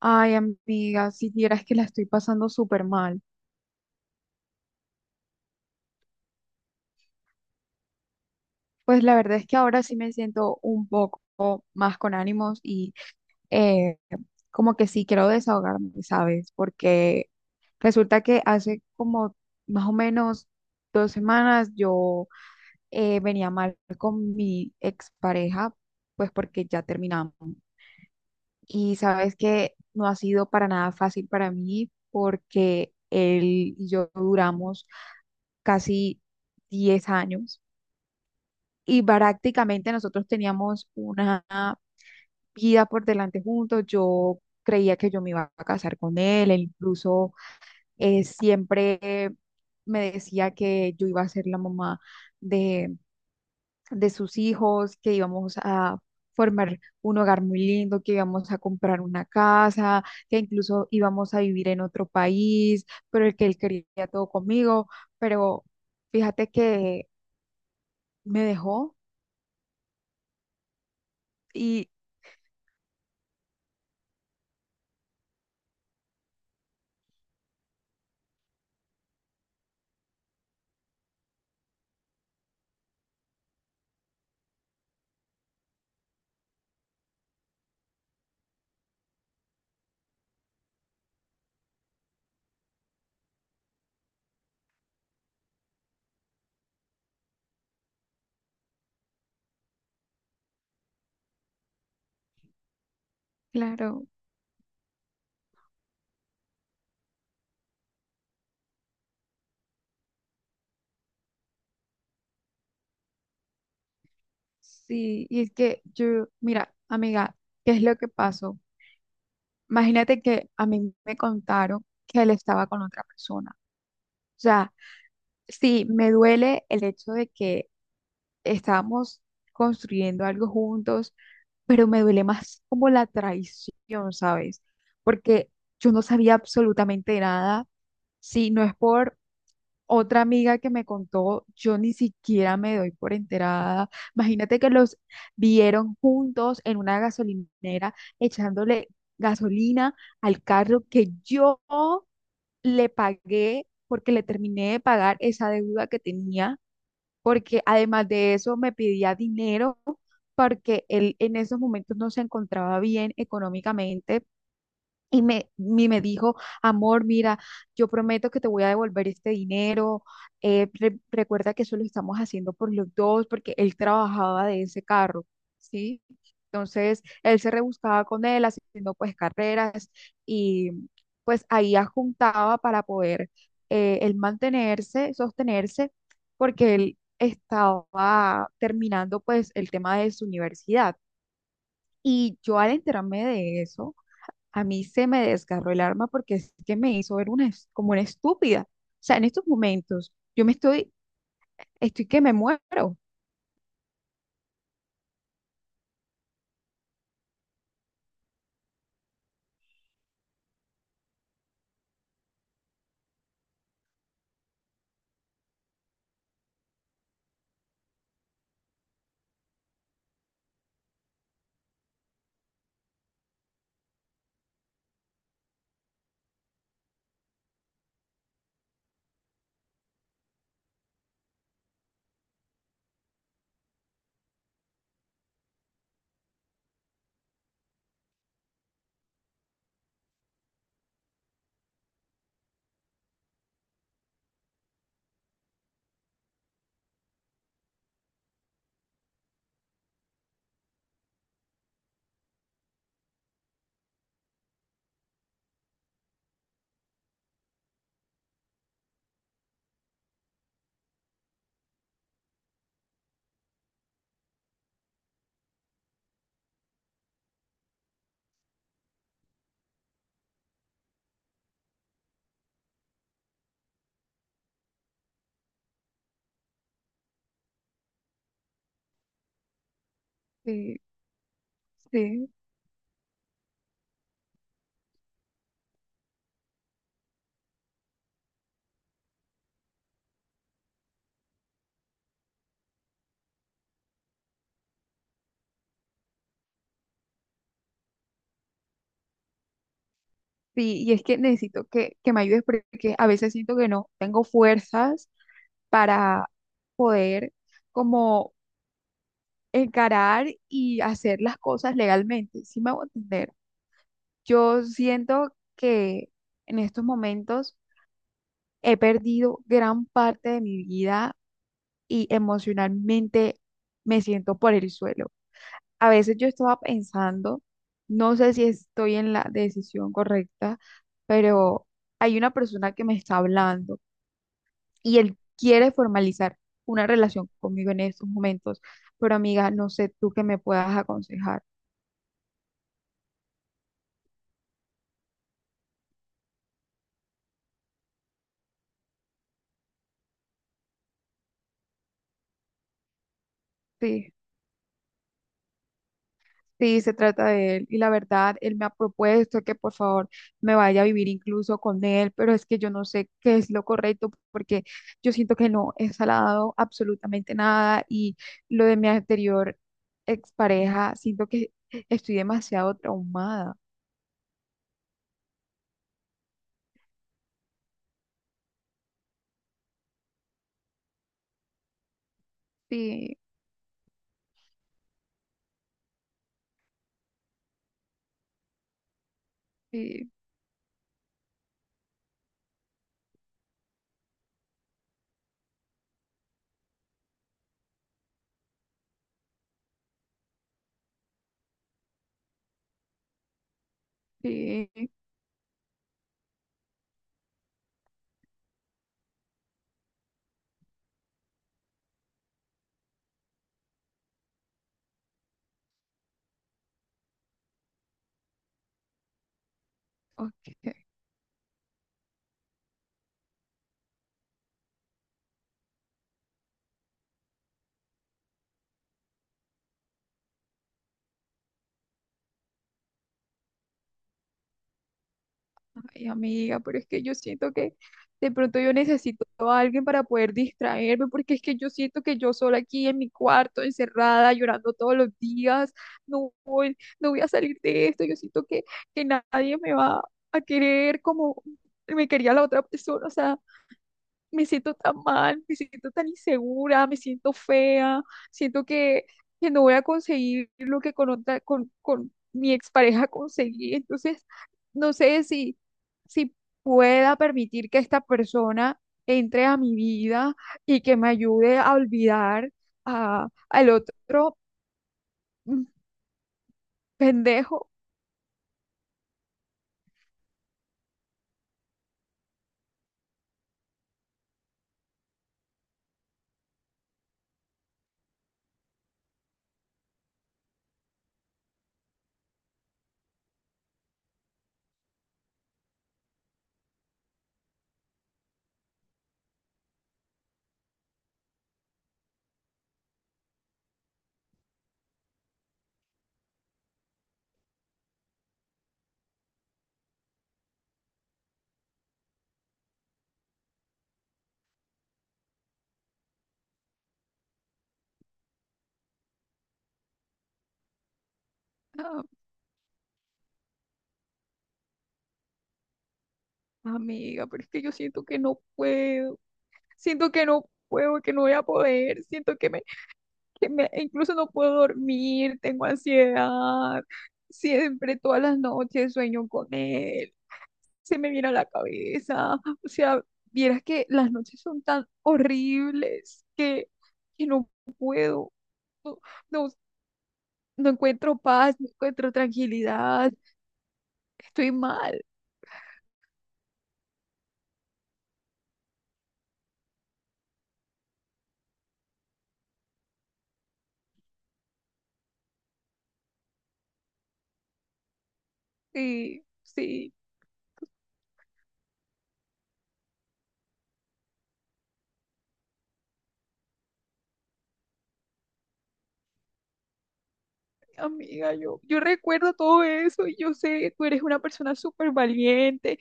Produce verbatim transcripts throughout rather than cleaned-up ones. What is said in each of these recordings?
Ay, amiga, si vieras que la estoy pasando súper mal. Pues la verdad es que ahora sí me siento un poco más con ánimos y eh, como que sí quiero desahogarme, ¿sabes? Porque resulta que hace como más o menos dos semanas yo eh, venía mal con mi expareja, pues porque ya terminamos. Y sabes que no ha sido para nada fácil para mí porque él y yo duramos casi diez años y prácticamente nosotros teníamos una vida por delante juntos. Yo creía que yo me iba a casar con él, él incluso eh, siempre me decía que yo iba a ser la mamá de sus hijos, que íbamos a formar un hogar muy lindo, que íbamos a comprar una casa, que incluso íbamos a vivir en otro país, pero el que él quería todo conmigo, pero fíjate que me dejó y claro, sí, y es que yo, mira, amiga, ¿qué es lo que pasó? Imagínate que a mí me contaron que él estaba con otra persona. O sea, sí, me duele el hecho de que estábamos construyendo algo juntos, pero me duele más como la traición, ¿sabes? Porque yo no sabía absolutamente nada. Si no es por otra amiga que me contó, yo ni siquiera me doy por enterada. Imagínate que los vieron juntos en una gasolinera echándole gasolina al carro que yo le pagué porque le terminé de pagar esa deuda que tenía porque además de eso me pedía dinero porque él en esos momentos no se encontraba bien económicamente y me, y me dijo, amor, mira, yo prometo que te voy a devolver este dinero. Eh, re- recuerda que eso lo estamos haciendo por los dos, porque él trabajaba de ese carro, ¿sí? Entonces, él se rebuscaba con él, haciendo pues carreras y pues ahí juntaba para poder eh, él mantenerse, sostenerse, porque él estaba terminando pues el tema de su universidad. Y yo al enterarme de eso, a mí se me desgarró el arma porque es que me hizo ver una, es- como una estúpida. O sea, en estos momentos yo me estoy, estoy que me muero. Sí, sí, sí, y es que necesito que, que me ayudes porque a veces siento que no tengo fuerzas para poder como encarar y hacer las cosas legalmente. Sí me hago entender. Yo siento que en estos momentos he perdido gran parte de mi vida y emocionalmente me siento por el suelo. A veces yo estaba pensando, no sé si estoy en la decisión correcta, pero hay una persona que me está hablando y él quiere formalizar una relación conmigo en estos momentos, pero amiga, no sé tú qué me puedas aconsejar. Sí. Sí, se trata de él y la verdad, él me ha propuesto que por favor me vaya a vivir incluso con él, pero es que yo no sé qué es lo correcto porque yo siento que no he salado absolutamente nada y lo de mi anterior expareja, siento que estoy demasiado traumada. Sí, sí, sí, ok. Ay, amiga, pero es que yo siento que de pronto yo necesito a alguien para poder distraerme, porque es que yo siento que yo sola aquí en mi cuarto, encerrada, llorando todos los días, no voy, no voy a salir de esto. Yo siento que, que nadie me va a querer como me quería la otra persona. O sea, me siento tan mal, me siento tan insegura, me siento fea, siento que, que no voy a conseguir lo que con otra, con, con mi expareja conseguí. Entonces, no sé si, si pueda permitir que esta persona entre a mi vida y que me ayude a olvidar a, al otro mm, pendejo. Ah, amiga, pero es que yo siento que no puedo, siento que no puedo, que no voy a poder, siento que me que me, incluso no puedo dormir, tengo ansiedad, siempre todas las noches sueño con él, se me viene a la cabeza, o sea, vieras que las noches son tan horribles que, que no puedo, no, no, no encuentro paz, no encuentro tranquilidad, estoy mal, sí, sí. Amiga, yo, yo recuerdo todo eso y yo sé que tú eres una persona súper valiente,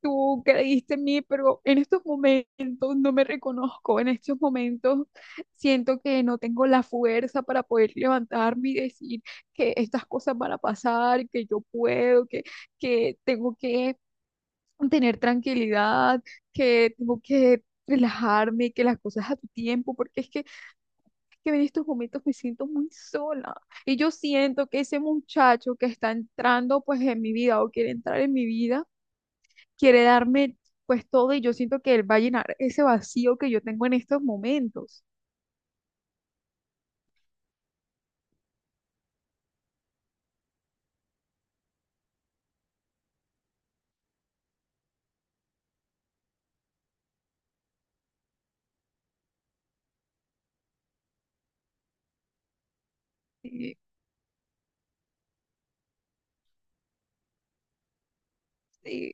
tú creíste en mí, pero en estos momentos no me reconozco, en estos momentos siento que no tengo la fuerza para poder levantarme y decir que estas cosas van a pasar, que yo puedo, que, que tengo que tener tranquilidad, que tengo que relajarme, que las cosas a tu tiempo, porque es que, que en estos momentos me siento muy sola y yo siento que ese muchacho que está entrando pues en mi vida o quiere entrar en mi vida, quiere darme pues todo y yo siento que él va a llenar ese vacío que yo tengo en estos momentos. Sí, sí,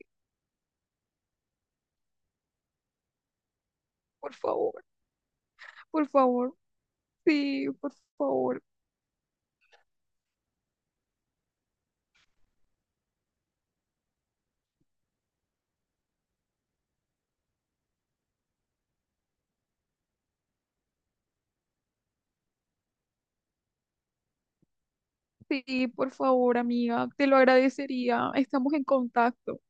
por favor, por favor, sí, por favor, sí, por favor, amiga, te lo agradecería. Estamos en contacto.